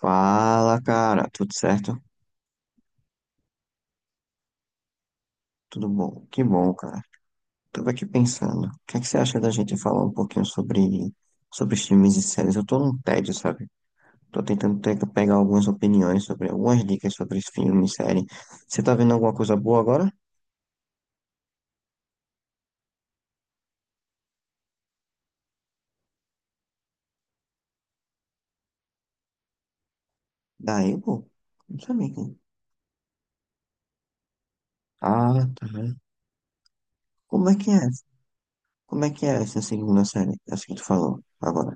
Fala, cara, tudo certo? Tudo bom? Que bom, cara. Tava aqui pensando, o que é que você acha da gente falar um pouquinho sobre filmes e séries? Eu tô num tédio, sabe? Tô tentando pegar algumas opiniões algumas dicas sobre filmes e série. Você tá vendo alguma coisa boa agora? Daí, pô, não sabia. Ah, tá. Como é que é? Como é que é essa segunda série? Essa que tu falou agora.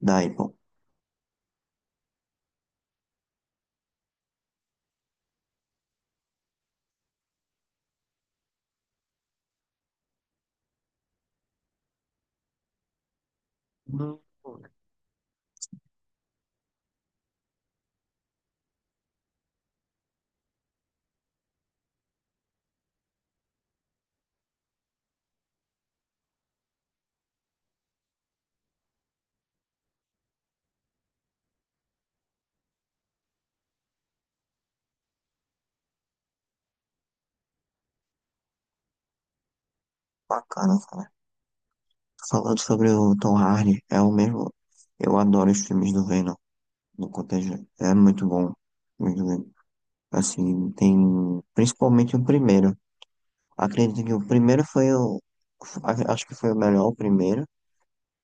Daí, pô. Hum. Bacana. Falando sobre o Tom Hardy, é o mesmo. Eu adoro os filmes do Venom, do Contagion. É muito bom. Muito bem. Assim, tem. Principalmente o primeiro. Acredito que o primeiro foi o. Acho que foi o melhor, o primeiro.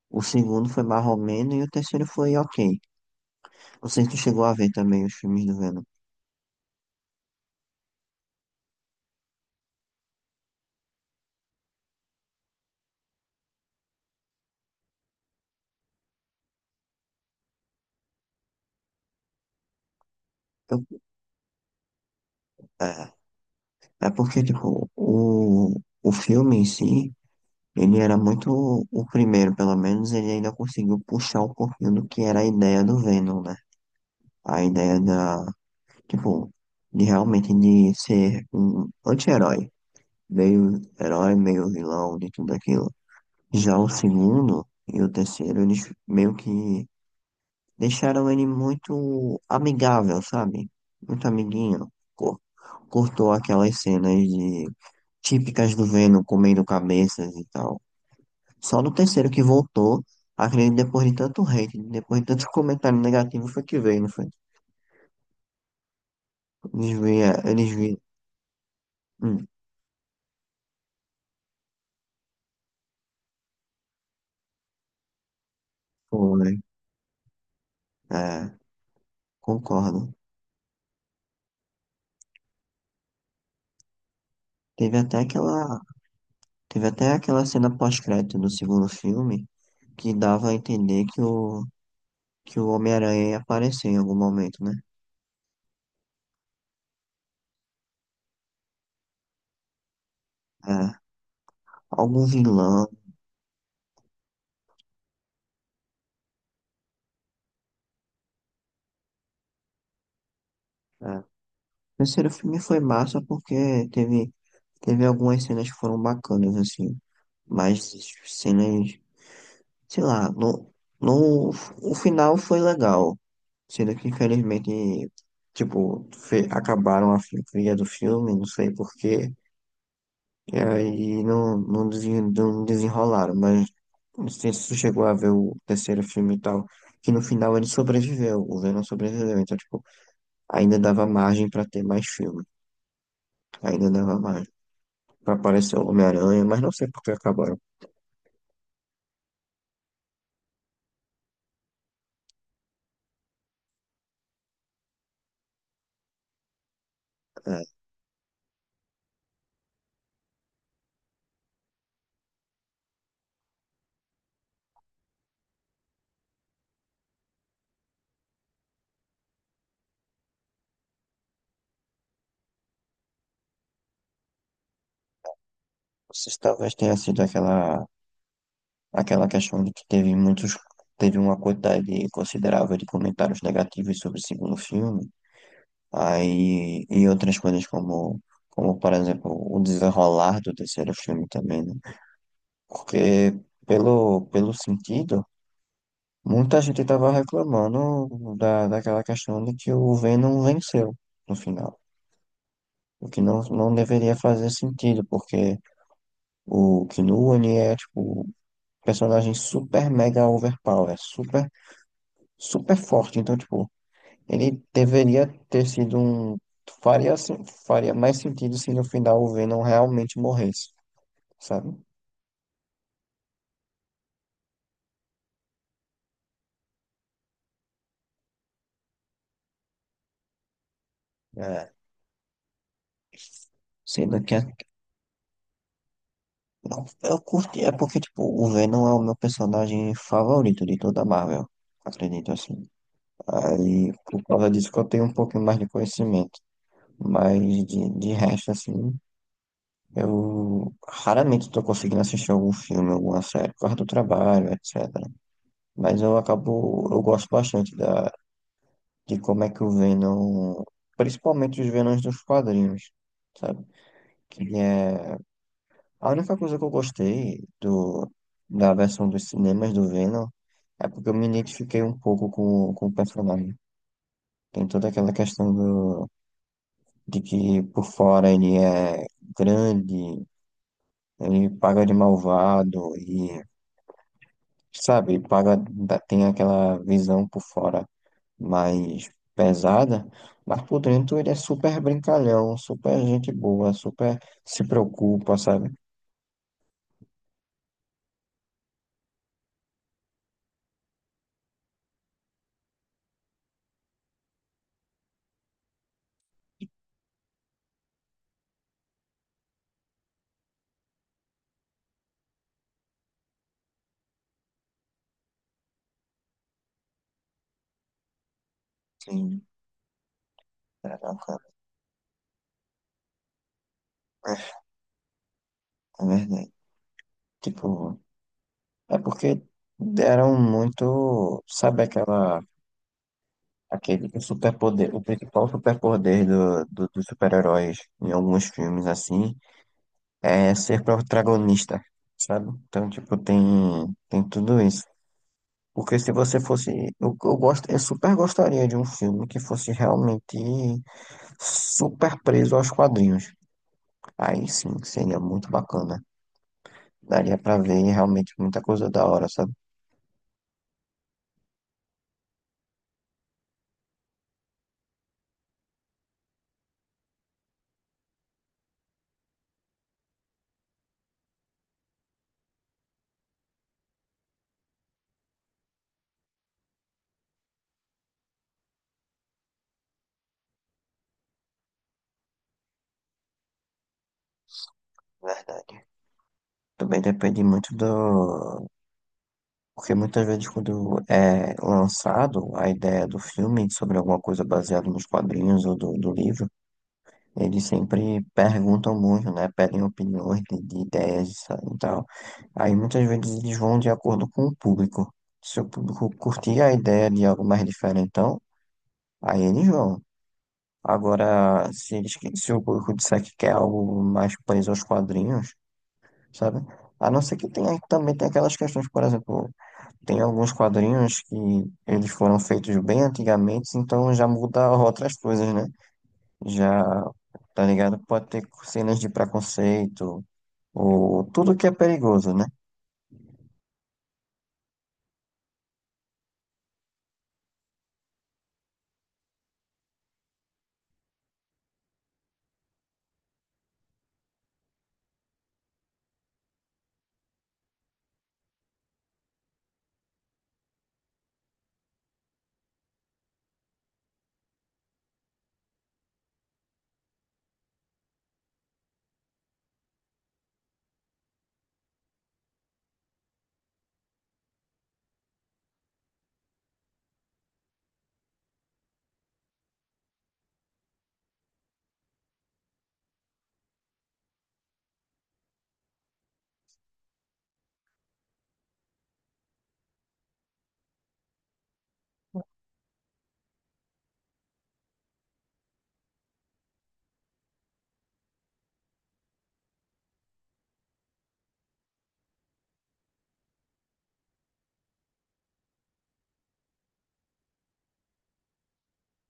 O segundo foi mais ou menos e o terceiro foi ok. Não sei se tu chegou a ver também os filmes do Venom. Eu- é, é porque, tipo, o filme em si, ele era muito. O primeiro, pelo menos, ele ainda conseguiu puxar um pouquinho do que era a ideia do Venom, né? a ideia da, tipo, de realmente de ser um anti-herói, meio herói, meio vilão, de tudo aquilo. Já o segundo e o terceiro, eles meio que deixaram ele muito amigável, sabe? Muito amiguinho. Cortou aquelas cenas de típicas do Venom comendo cabeças e tal. Só no terceiro que voltou, acredito que depois de tanto hate, depois de tanto comentário negativo, foi que veio, não foi? Eles vieram, eles vieram. Hum. Foi, é, concordo. Teve até aquela, teve até aquela cena pós-crédito do segundo filme que dava a entender que o Homem-Aranha ia aparecer em algum momento, né? É, algum vilão. É. O terceiro filme foi massa porque teve, teve algumas cenas que foram bacanas, assim, mas cenas sei lá, no, no, o final foi legal. Sendo que, infelizmente, tipo, acabaram a filosofia do filme, não sei porquê, e aí não desenrolaram, mas não sei se tu chegou a ver o terceiro filme e tal, que no final ele sobreviveu, o Venom sobreviveu, então, tipo, ainda dava margem pra ter mais filme, ainda dava margem. Pra aparecer o Homem-Aranha, mas não sei por que acabaram. É, não sei se talvez tenha sido aquela. Aquela questão de que teve uma quantidade considerável de comentários negativos sobre o segundo filme, aí e outras coisas como por exemplo, o desenrolar do terceiro filme também, né? Porque pelo sentido, muita gente estava reclamando daquela questão de que o Venom venceu no final. O que não deveria fazer sentido, porque o Killua, ele é, tipo, um personagem super mega overpower, super forte. Então, tipo, ele deveria ter sido um. Faria, faria mais sentido se no final o Venom realmente morresse, sabe? É. Sendo que a- não, eu curti, é porque, tipo, o Venom é o meu personagem favorito de toda a Marvel, acredito assim. Aí, por causa disso que eu tenho um pouquinho mais de conhecimento. Mas de resto, assim, eu raramente tô conseguindo assistir algum filme, alguma série, por causa do trabalho, etc. Mas eu acabo, eu gosto bastante da, de como é que o Venom, principalmente os Venoms dos quadrinhos, sabe? Que é a única coisa que eu gostei do, da versão dos cinemas do Venom é porque eu me identifiquei um pouco com o personagem. Tem toda aquela questão do, de que por fora ele é grande, ele paga de malvado e, sabe, paga, tem aquela visão por fora mais pesada, mas por dentro ele é super brincalhão, super gente boa, super se preocupa, sabe? Sim, caraca, é verdade. Tipo, é porque deram muito, sabe aquela, aquele superpoder, o principal superpoder dos super-heróis em alguns filmes, assim, é ser protagonista, sabe? Então, tipo, tem, tem tudo isso. Porque se você fosse. Gosto, eu super gostaria de um filme que fosse realmente super preso aos quadrinhos. Aí sim, seria muito bacana. Daria pra ver realmente muita coisa da hora, sabe? Verdade. Também depende muito do. Porque muitas vezes, quando é lançado a ideia do filme sobre alguma coisa baseada nos quadrinhos ou do livro. Eles sempre perguntam muito, né? Pedem opiniões de ideias e tal. Aí muitas vezes eles vão de acordo com o público. Se o público curtir a ideia de algo mais diferentão, aí eles vão. Agora, se o público disser que quer algo mais preso aos quadrinhos, sabe? A não ser que tenha, também tem aquelas questões, por exemplo, tem alguns quadrinhos que eles foram feitos bem antigamente, então já muda outras coisas, né? Já, tá ligado? Pode ter cenas de preconceito, ou tudo que é perigoso, né?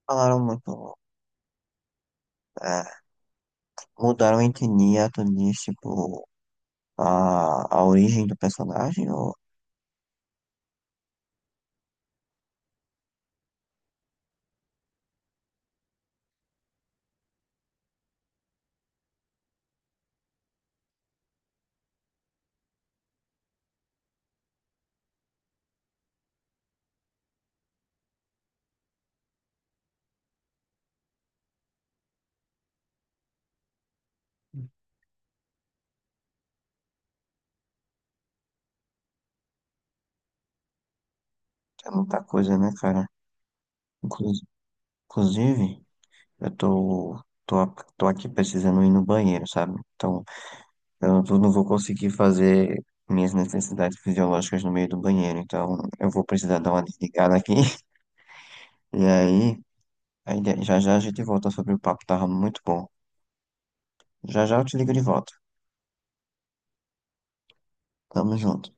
Falaram muito, é, mudaram a etnia, etnias, tipo, a origem do personagem, ou é muita coisa, né, cara? Inclu- Inclusive, eu tô aqui precisando ir no banheiro, sabe? Então, eu não vou conseguir fazer minhas necessidades fisiológicas no meio do banheiro, então eu vou precisar dar uma desligada aqui, e aí. Já já a gente volta sobre o papo, tava muito bom. Já já eu te ligo de volta. Tamo junto.